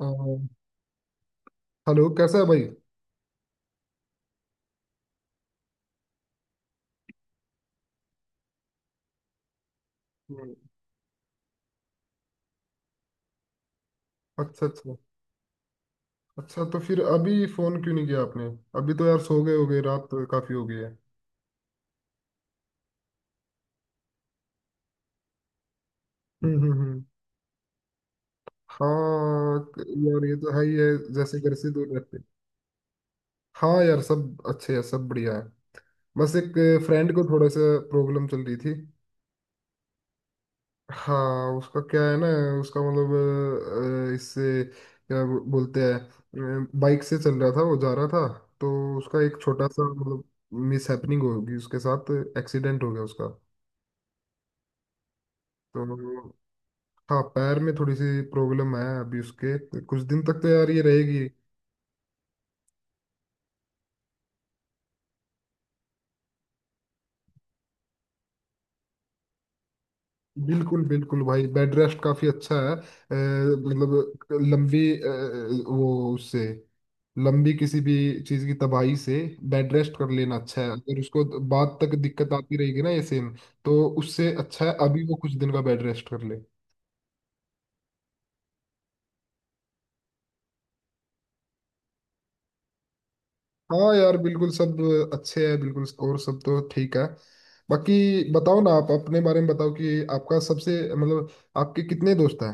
हाँ, हेलो कैसा है भाई। हम्म। अच्छा अच्छा। अच्छा तो फिर अभी फोन क्यों नहीं किया आपने। अभी तो यार सो गए होगे, रात तो काफी हो गई है। हम्म हम्म हम्म। हाँ यार ये तो है ही है। जैसे घर से दूर रहते। हाँ यार सब अच्छे है, सब बढ़िया है। बस एक फ्रेंड को थोड़ा सा प्रॉब्लम चल रही थी। हाँ उसका क्या है ना, उसका मतलब इससे क्या बोलते हैं बाइक से चल रहा था, वो जा रहा था। तो उसका एक छोटा सा मतलब मिस हैपनिंग होगी उसके साथ, एक्सीडेंट हो गया उसका। तो हाँ पैर में थोड़ी सी प्रॉब्लम है अभी उसके, कुछ दिन तक तो यार ये रहेगी। बिल्कुल बिल्कुल भाई, बेड रेस्ट काफी अच्छा है। मतलब लंबी वो उससे लंबी किसी भी चीज की तबाही से बेड रेस्ट कर लेना अच्छा है। अगर उसको बाद तक दिक्कत आती रहेगी ना ये सेम, तो उससे अच्छा है अभी वो कुछ दिन का बेड रेस्ट कर ले। हाँ यार बिल्कुल, सब अच्छे हैं बिल्कुल और सब तो ठीक है। बाकी बताओ ना आप, अपने बारे में बताओ कि आपका सबसे मतलब आपके कितने दोस्त हैं।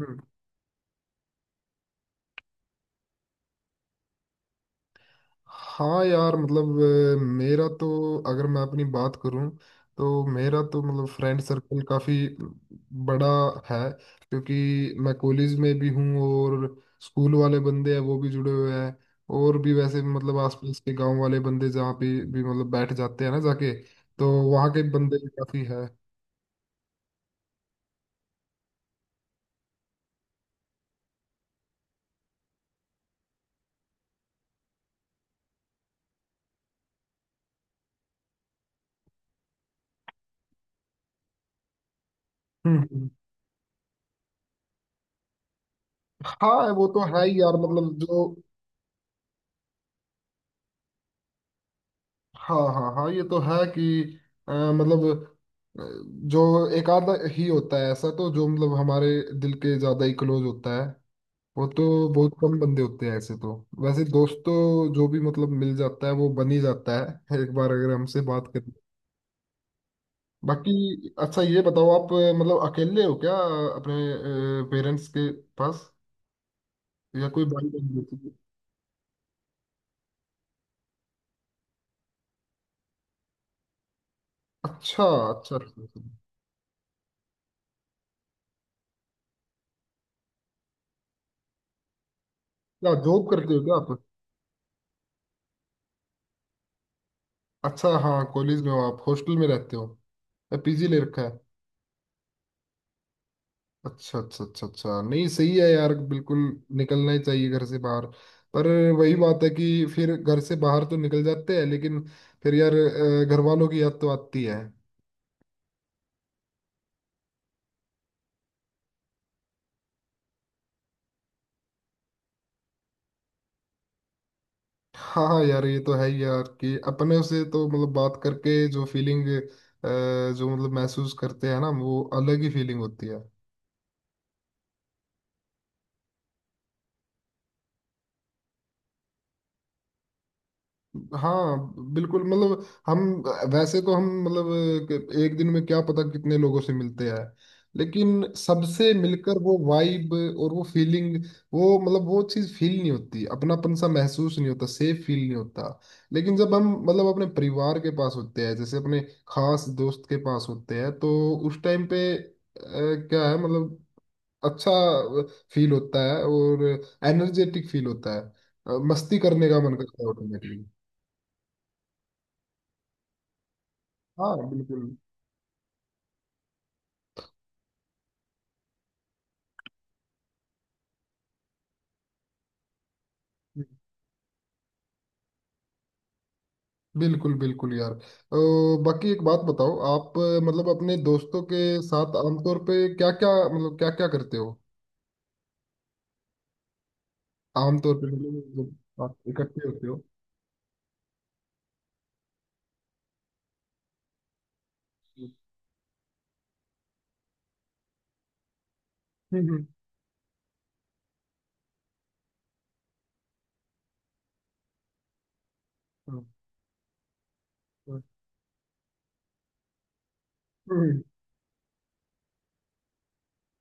हम्म। हाँ यार मतलब मेरा तो अगर मैं अपनी बात करूं, तो मेरा तो मतलब फ्रेंड सर्कल काफ़ी बड़ा है। क्योंकि मैं कॉलेज में भी हूँ, और स्कूल वाले बंदे हैं वो भी जुड़े हुए हैं। और भी वैसे भी मतलब आसपास के गांव वाले बंदे जहाँ पे भी मतलब बैठ जाते हैं ना जाके, तो वहाँ के बंदे भी काफ़ी है। हम्म हम्म। हाँ वो तो है ही यार मतलब जो। हाँ हाँ हाँ ये तो है कि मतलब अ, जो एक आधा ही होता है ऐसा, तो जो मतलब हमारे दिल के ज्यादा ही क्लोज होता है वो तो बहुत कम बंदे होते हैं ऐसे। तो वैसे दोस्त तो जो भी मतलब मिल जाता है वो बन ही जाता है, एक बार अगर हमसे बात करें। बाकी अच्छा ये बताओ आप, मतलब अकेले हो क्या अपने पेरेंट्स के पास, या कोई भाई बहन होती है? अच्छा अच्छा अच्छा अच्छा। क्या जॉब करते हो क्या आप? अच्छा हाँ कॉलेज में हो। आप हॉस्टल में रहते हो, पीजी ले रखा है? अच्छा अच्छा अच्छा अच्छा, नहीं सही है यार बिल्कुल। निकलना ही चाहिए घर से बाहर। पर वही बात है कि फिर घर से बाहर तो निकल जाते हैं, लेकिन फिर यार घर वालों की याद तो आती है। हाँ हाँ यार ये तो है ही यार कि अपने से तो मतलब बात करके जो फीलिंग जो मतलब महसूस करते हैं ना, वो अलग ही फीलिंग होती है। हाँ बिल्कुल, मतलब हम वैसे तो हम मतलब एक दिन में क्या पता कितने लोगों से मिलते हैं, लेकिन सबसे मिलकर वो वाइब और वो फीलिंग, वो मतलब वो चीज़ फील नहीं होती, अपनापन सा महसूस नहीं होता, सेफ फील नहीं होता। लेकिन जब हम मतलब अपने परिवार के पास होते हैं, जैसे अपने खास दोस्त के पास होते हैं, तो उस टाइम पे क्या है मतलब अच्छा फील होता है, और एनर्जेटिक फील होता है। मस्ती करने का मन करता है ऑटोमेटिकली। हाँ बिल्कुल। बिल्कुल बिल्कुल यार। बाकी एक बात बताओ आप, मतलब अपने दोस्तों के साथ आमतौर पे क्या क्या मतलब क्या क्या करते हो? आमतौर पे मतलब जब आप इकट्ठे होते हो। हम्म हम्म हम्म,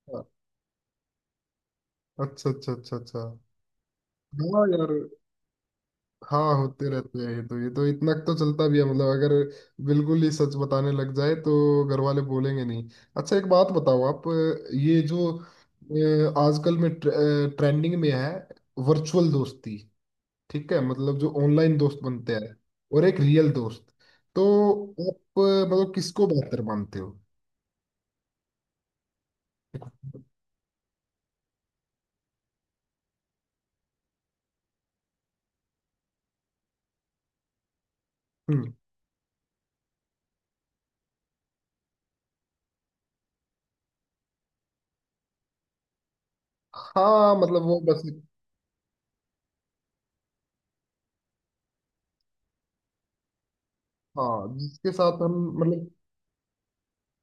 हम्म, अच्छा अच्छा अच्छा अच्छा। हाँ यार, हाँ होते रहते हैं, ये तो इतना तो चलता भी है मतलब। अगर बिल्कुल ही सच बताने लग जाए तो घर वाले बोलेंगे नहीं। अच्छा एक बात बताओ आप, ये जो आजकल में ट्रेंडिंग में है, वर्चुअल दोस्ती, ठीक है मतलब जो ऑनलाइन दोस्त बनते हैं, और एक रियल दोस्त, तो आप मतलब किसको बेहतर मानते हो? हम्म। हाँ मतलब वो बस। हाँ जिसके साथ हम मतलब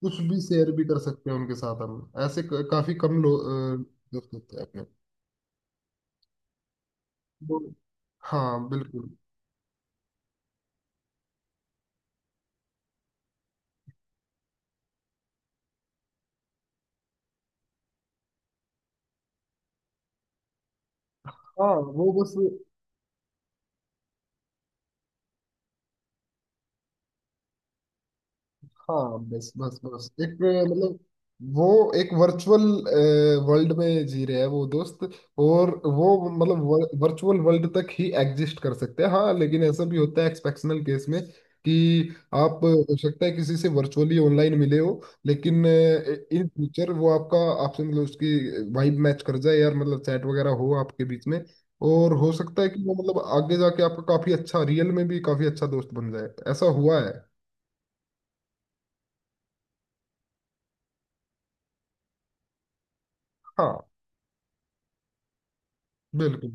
कुछ भी शेयर भी कर सकते हैं उनके साथ हम, ऐसे काफी कम लोग दोस्त होते हैं अपने। वो-। हाँ बिल्कुल। हाँ वो बस। हाँ बस बस बस एक मतलब वो एक वर्चुअल वर्ल्ड में जी रहे हैं वो दोस्त, और वो मतलब वर्चुअल वर्ल्ड तक ही एग्जिस्ट कर सकते हैं। हाँ लेकिन ऐसा भी होता है एक्सेप्शनल केस में कि आप हो सकता है किसी से वर्चुअली ऑनलाइन मिले हो, लेकिन इन फ्यूचर वो आपका आपसे मतलब उसकी वाइब मैच कर जाए यार, मतलब चैट वगैरह हो आपके बीच में, और हो सकता है कि वो मतलब आगे जाके आपका काफी अच्छा, रियल में भी काफी अच्छा दोस्त बन जाए, ऐसा हुआ है। हाँ बिल्कुल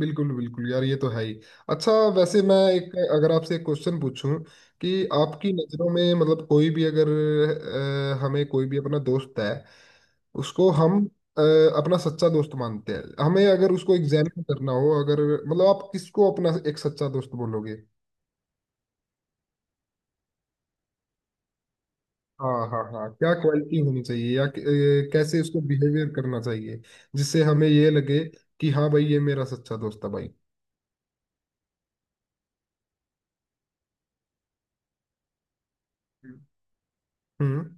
बिल्कुल। बिल्कुल यार ये तो है ही। अच्छा वैसे मैं एक, अगर आपसे एक क्वेश्चन पूछूं कि आपकी नज़रों में मतलब कोई भी अगर हमें कोई भी अपना दोस्त है, उसको हम अ, अपना सच्चा दोस्त मानते हैं, हमें अगर उसको एग्जामिन करना हो, अगर मतलब आप किसको अपना एक सच्चा दोस्त बोलोगे? हाँ हाँ हाँ क्या क्वालिटी होनी चाहिए, या कैसे उसको बिहेवियर करना चाहिए, जिससे हमें ये लगे कि हाँ भाई ये मेरा सच्चा दोस्त है भाई। हम्म।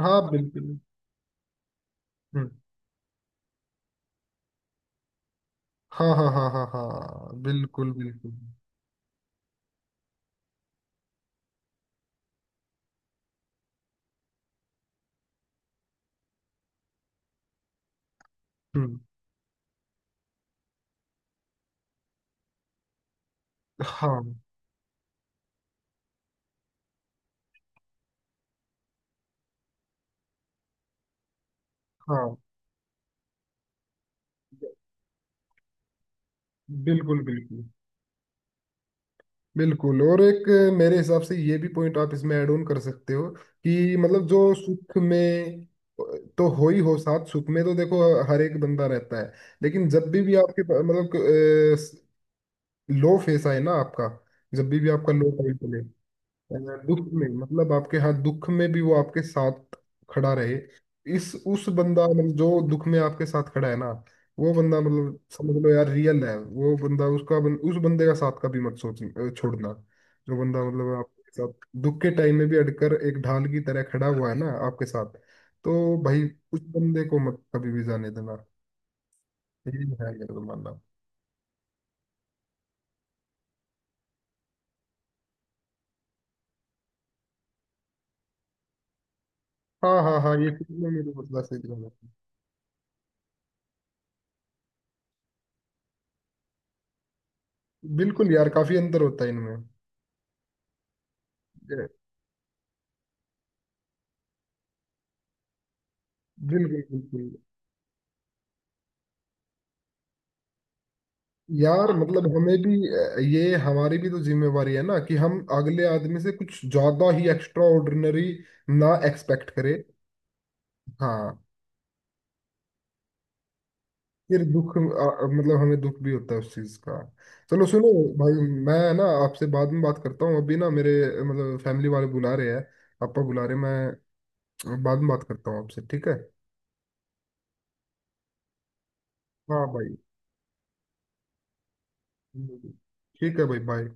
हाँ बिल्कुल। हम्म। हाँ हाँ हाँ हाँ हाँ बिल्कुल बिल्कुल। हम्म। हाँ हाँ बिल्कुल बिल्कुल। बिल्कुल और एक, मेरे हिसाब से ये भी पॉइंट आप इसमें ऐड ऑन कर सकते हो कि मतलब जो सुख में तो हो ही हो साथ, सुख में तो देखो हर एक बंदा रहता है, लेकिन जब भी आपके मतलब लो फेस आए ना आपका, जब भी आपका लो टाइम चले, दुख में मतलब आपके हाथ दुख में भी वो आपके साथ खड़ा रहे, इस उस बंदा मतलब जो दुख में आपके साथ खड़ा है ना, वो बंदा मतलब समझ लो यार रियल है वो बंदा, उस बंदे का साथ कभी मत सोच छोड़ना। जो बंदा मतलब आपके साथ दुख के टाइम में भी अड़कर एक ढाल की तरह खड़ा हुआ है ना आपके साथ, तो भाई उस बंदे को मत कभी भी जाने देना, ये है मेरा तो मानना। हाँ हाँ हाँ ये फिल्म में मेरे मतलब सही लगा। बिल्कुल यार काफी अंतर होता है इनमें। ये-। बिल्कुल बिल्कुल यार, मतलब हमें भी ये हमारी भी तो जिम्मेवारी है ना कि हम अगले आदमी से कुछ ज्यादा ही एक्स्ट्रा ऑर्डिनरी ना एक्सपेक्ट करें। हाँ फिर दुख मतलब हमें दुख भी होता है उस चीज का। चलो सुनो भाई, मैं ना आपसे बाद में बात करता हूँ, अभी ना मेरे मतलब फैमिली वाले बुला रहे हैं, पापा बुला रहे हैं मैं बाद में बात करता हूँ आपसे, ठीक है। हाँ भाई ठीक है भाई, बाय।